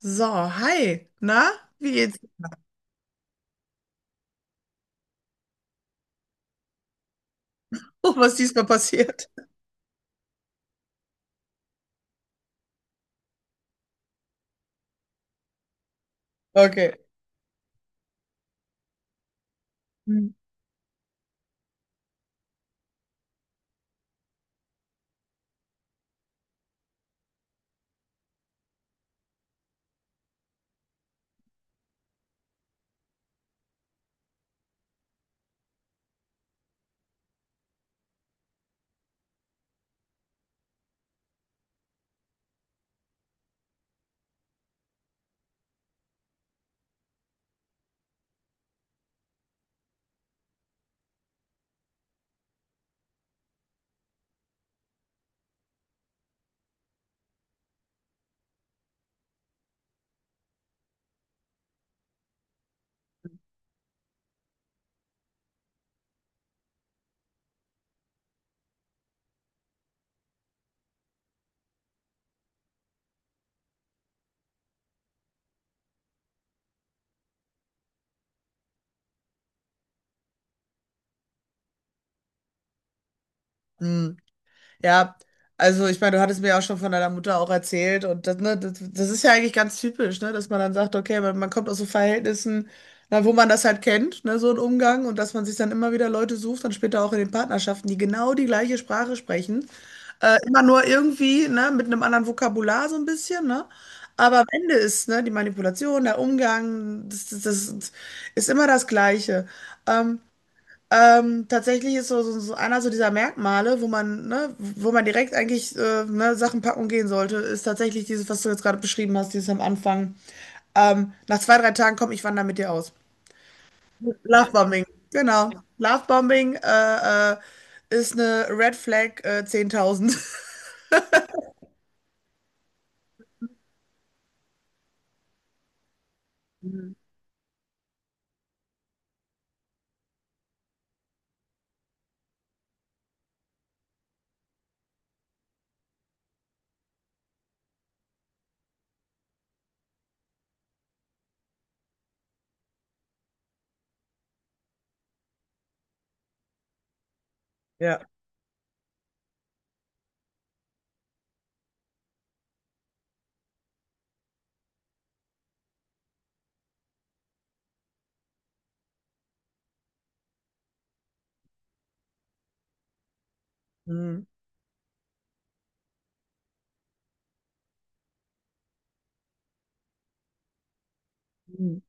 So, hi. Na, wie geht's? Oh, was ist diesmal passiert? Okay. Hm. Ja, also ich meine, du hattest mir ja auch schon von deiner Mutter auch erzählt und das, ne, das ist ja eigentlich ganz typisch, ne, dass man dann sagt, okay, man kommt aus so Verhältnissen, na, wo man das halt kennt, ne, so ein Umgang und dass man sich dann immer wieder Leute sucht, dann später auch in den Partnerschaften, die genau die gleiche Sprache sprechen, immer nur irgendwie, ne, mit einem anderen Vokabular so ein bisschen, ne, aber am Ende ist, ne, die Manipulation, der Umgang, das ist immer das Gleiche. Ähm, Tatsächlich ist so einer so dieser Merkmale, wo man, ne, wo man direkt eigentlich ne, Sachen packen und gehen sollte, ist tatsächlich dieses, was du jetzt gerade beschrieben hast, dieses am Anfang. Nach zwei, drei Tagen komm, ich wandere mit dir aus. Lovebombing, genau. Lovebombing ist eine Red Flag 10.000. Ja. Mhm. Mhm.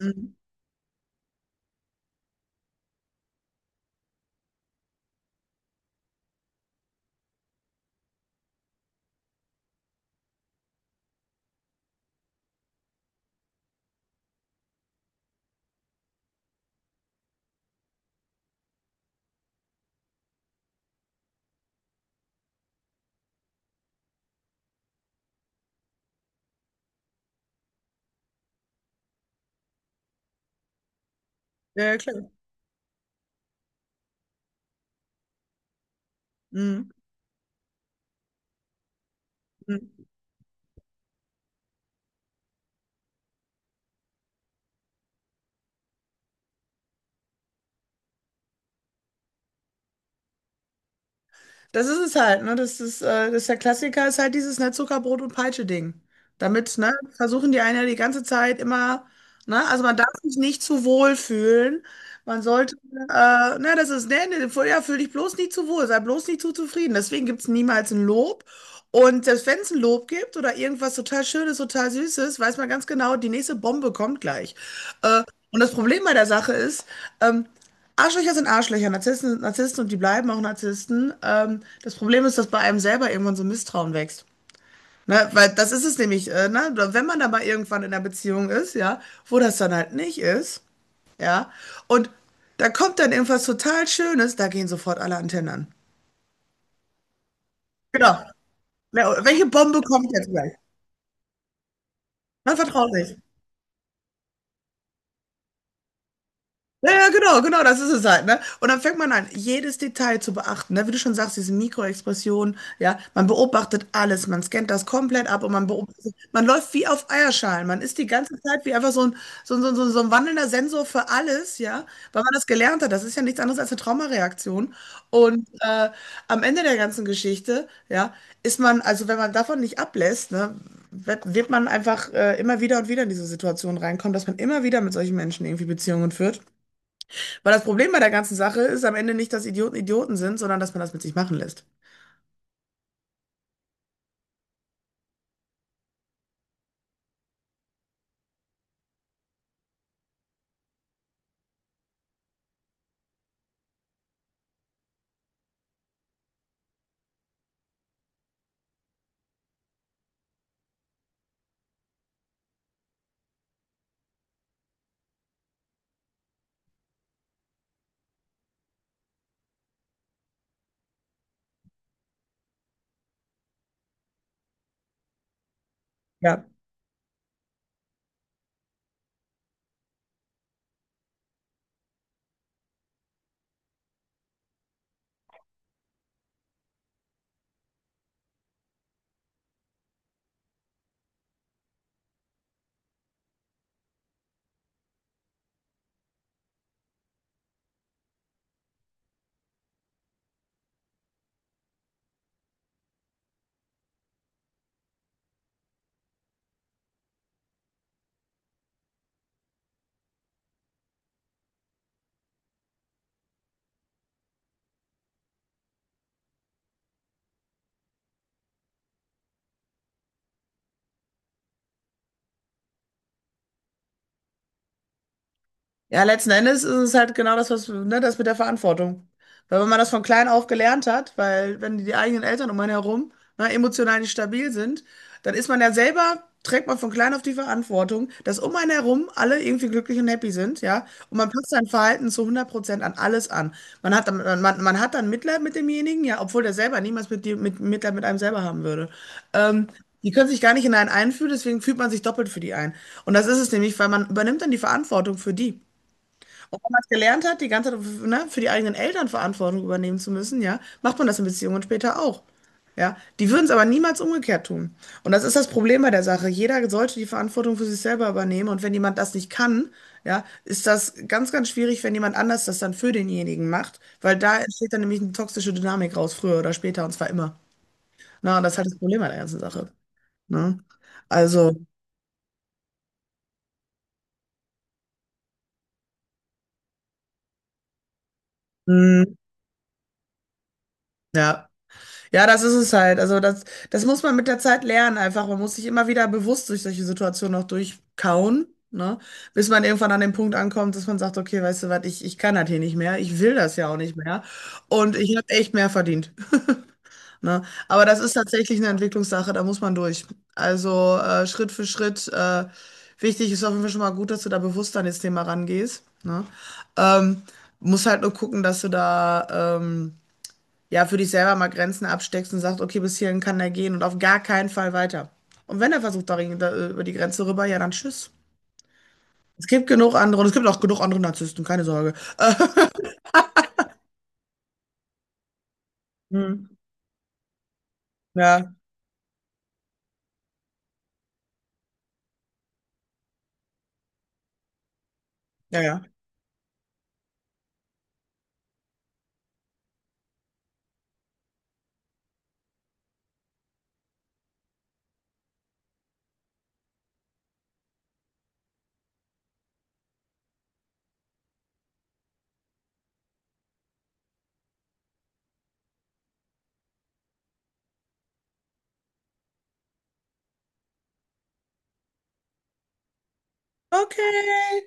Mhm. Ja, ja, klar. Mhm. Mhm. Das ist es halt, ne? Das ist der Klassiker, ist halt dieses, ne, Zuckerbrot und Peitsche-Ding. Damit, ne, versuchen die einen ja die ganze Zeit immer, ne, also man darf sich nicht zu wohl fühlen. Man sollte, ne, das ist, ne, ne, ja, fühl dich bloß nicht zu wohl, sei bloß nicht zu zufrieden. Deswegen gibt es niemals ein Lob. Und selbst wenn es ein Lob gibt oder irgendwas total Schönes, total Süßes, weiß man ganz genau, die nächste Bombe kommt gleich. Äh, und das Problem bei der Sache ist, ähm, Arschlöcher sind Arschlöcher, Narzissten sind Narzissten und die bleiben auch Narzissten. Das Problem ist, dass bei einem selber irgendwann so ein Misstrauen wächst. Ne? Weil das ist es nämlich, ne? Wenn man dann mal irgendwann in einer Beziehung ist, ja, wo das dann halt nicht ist, ja, und da kommt dann irgendwas total Schönes, da gehen sofort alle Antennen an. Genau. Ja, welche Bombe kommt jetzt gleich? Man vertraut nicht. Ja, ja, genau, genau, das ist es halt, ne? Und dann fängt man an, jedes Detail zu beachten, ne? Wie du schon sagst, diese Mikroexpressionen, ja, man beobachtet alles, man scannt das komplett ab und man beobachtet, man läuft wie auf Eierschalen, man ist die ganze Zeit wie einfach so ein, so ein, so ein, so ein so ein wandelnder Sensor für alles, ja, weil man das gelernt hat, das ist ja nichts anderes als eine Traumareaktion. Und am Ende der ganzen Geschichte, ja, ist man, also wenn man davon nicht ablässt, ne, wird man einfach immer wieder und wieder in diese Situation reinkommen, dass man immer wieder mit solchen Menschen irgendwie Beziehungen führt. Weil das Problem bei der ganzen Sache ist am Ende nicht, dass Idioten Idioten sind, sondern dass man das mit sich machen lässt. Ja. Ja, letzten Endes ist es halt genau das, was, ne, das mit der Verantwortung. Weil wenn man das von klein auf gelernt hat, weil wenn die eigenen Eltern um einen herum, ne, emotional nicht stabil sind, dann ist man ja selber, trägt man von klein auf die Verantwortung, dass um einen herum alle irgendwie glücklich und happy sind, ja. Und man passt sein Verhalten zu 100% an alles an. Man hat dann, man hat dann Mitleid mit demjenigen, ja, obwohl der selber niemals Mitleid mit einem selber haben würde. Ähm, Die können sich gar nicht in einen einfühlen, deswegen fühlt man sich doppelt für die ein. Und das ist es nämlich, weil man übernimmt dann die Verantwortung für die. Und wenn man es gelernt hat, die ganze Zeit, ne, für die eigenen Eltern Verantwortung übernehmen zu müssen, ja, macht man das in Beziehungen später auch. Ja, die würden es aber niemals umgekehrt tun. Und das ist das Problem bei der Sache. Jeder sollte die Verantwortung für sich selber übernehmen. Und wenn jemand das nicht kann, ja, ist das ganz, ganz schwierig, wenn jemand anders das dann für denjenigen macht, weil da entsteht dann nämlich eine toxische Dynamik raus, früher oder später, und zwar immer. Na, und das ist halt das Problem an der ganzen Sache. Ne? Also, mh, ja. Ja, das ist es halt. Also das, muss man mit der Zeit lernen einfach. Man muss sich immer wieder bewusst durch solche Situationen auch durchkauen, ne? Bis man irgendwann an den Punkt ankommt, dass man sagt, okay, weißt du was, ich kann das hier nicht mehr, ich will das ja auch nicht mehr und ich habe echt mehr verdient, ne? Aber das ist tatsächlich eine Entwicklungssache, da muss man durch. Also Schritt für Schritt. Wichtig ist auf jeden Fall schon mal gut, dass du da bewusst an das Thema rangehst, ne? Ähm, Musst halt nur gucken, dass du da, ja, für dich selber mal Grenzen absteckst und sagst, okay, bis hierhin kann er gehen und auf gar keinen Fall weiter. Und wenn er versucht, da, über die Grenze rüber, ja, dann tschüss. Es gibt genug andere und es gibt auch genug andere Narzissten, keine Sorge. Hm. Ja, ja, ja. Okay.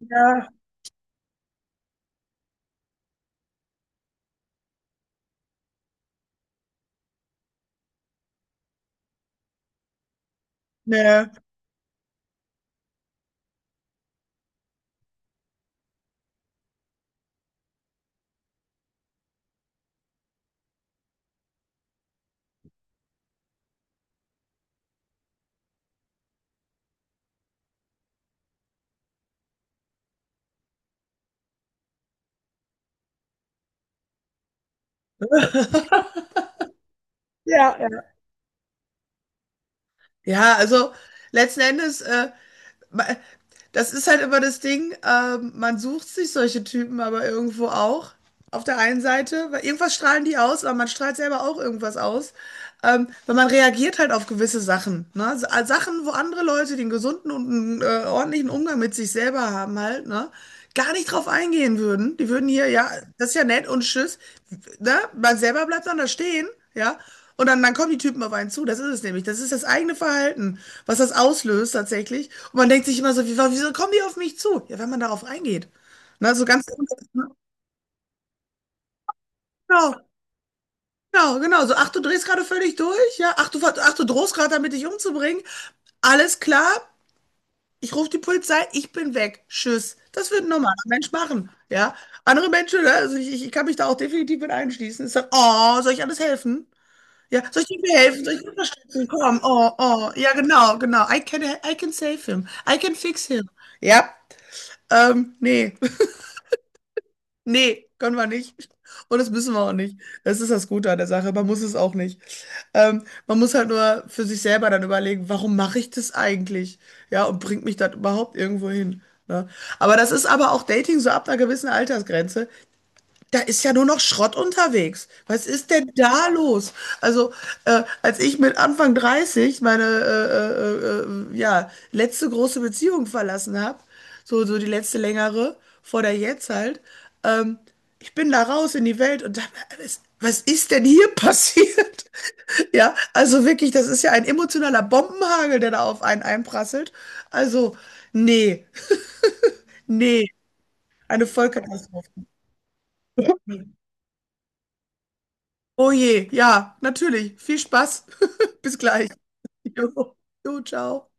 Ja, ja, ja, ja. Ja, also letzten Endes. Ma- Das ist halt immer das Ding, man sucht sich solche Typen aber irgendwo auch. Auf der einen Seite, weil irgendwas strahlen die aus, aber man strahlt selber auch irgendwas aus. Weil man reagiert halt auf gewisse Sachen. Ne? Sachen, wo andere Leute den gesunden und einen, ordentlichen Umgang mit sich selber haben halt, ne? Gar nicht drauf eingehen würden. Die würden hier, ja, das ist ja nett und tschüss. Ne? Man selber bleibt dann da stehen, ja. Und dann, kommen die Typen auf einen zu. Das ist es nämlich. Das ist das eigene Verhalten, was das auslöst tatsächlich. Und man denkt sich immer so, wieso kommen die auf mich zu? Ja, wenn man darauf eingeht. Na so ganz, genau, genau, genau. So, ach, du drehst gerade völlig durch, ja, ach, du drohst gerade damit, dich umzubringen. Alles klar, ich rufe die Polizei, ich bin weg. Tschüss. Das wird ein normaler Mensch machen, ja. Andere Menschen, ne, also ich kann mich da auch definitiv mit einschließen. Ich sage, oh, soll ich alles helfen? Ja, soll ich dir mir helfen? Soll ich dir unterstützen? Komm, oh, oh. Ja, genau, genau. I can save him. I can fix him. Ja, nee. Nee, können wir nicht. Und das müssen wir auch nicht. Das ist das Gute an der Sache. Man muss es auch nicht. Man muss halt nur für sich selber dann überlegen, warum mache ich das eigentlich? Ja, und bringt mich das überhaupt irgendwo hin? Ne? Aber das ist aber auch Dating so ab einer gewissen Altersgrenze. Da ist ja nur noch Schrott unterwegs. Was ist denn da los? Also, als ich mit Anfang 30 meine ja, letzte große Beziehung verlassen habe, so die letzte längere, vor der jetzt halt, ähm, ich bin da raus in die Welt und dachte, was ist denn hier passiert? Ja, also wirklich, das ist ja ein emotionaler Bombenhagel, der da auf einen einprasselt. Also, nee, nee, eine Vollkatastrophe. Oh je, ja, natürlich. Viel Spaß. Bis gleich. Jo, jo, ciao.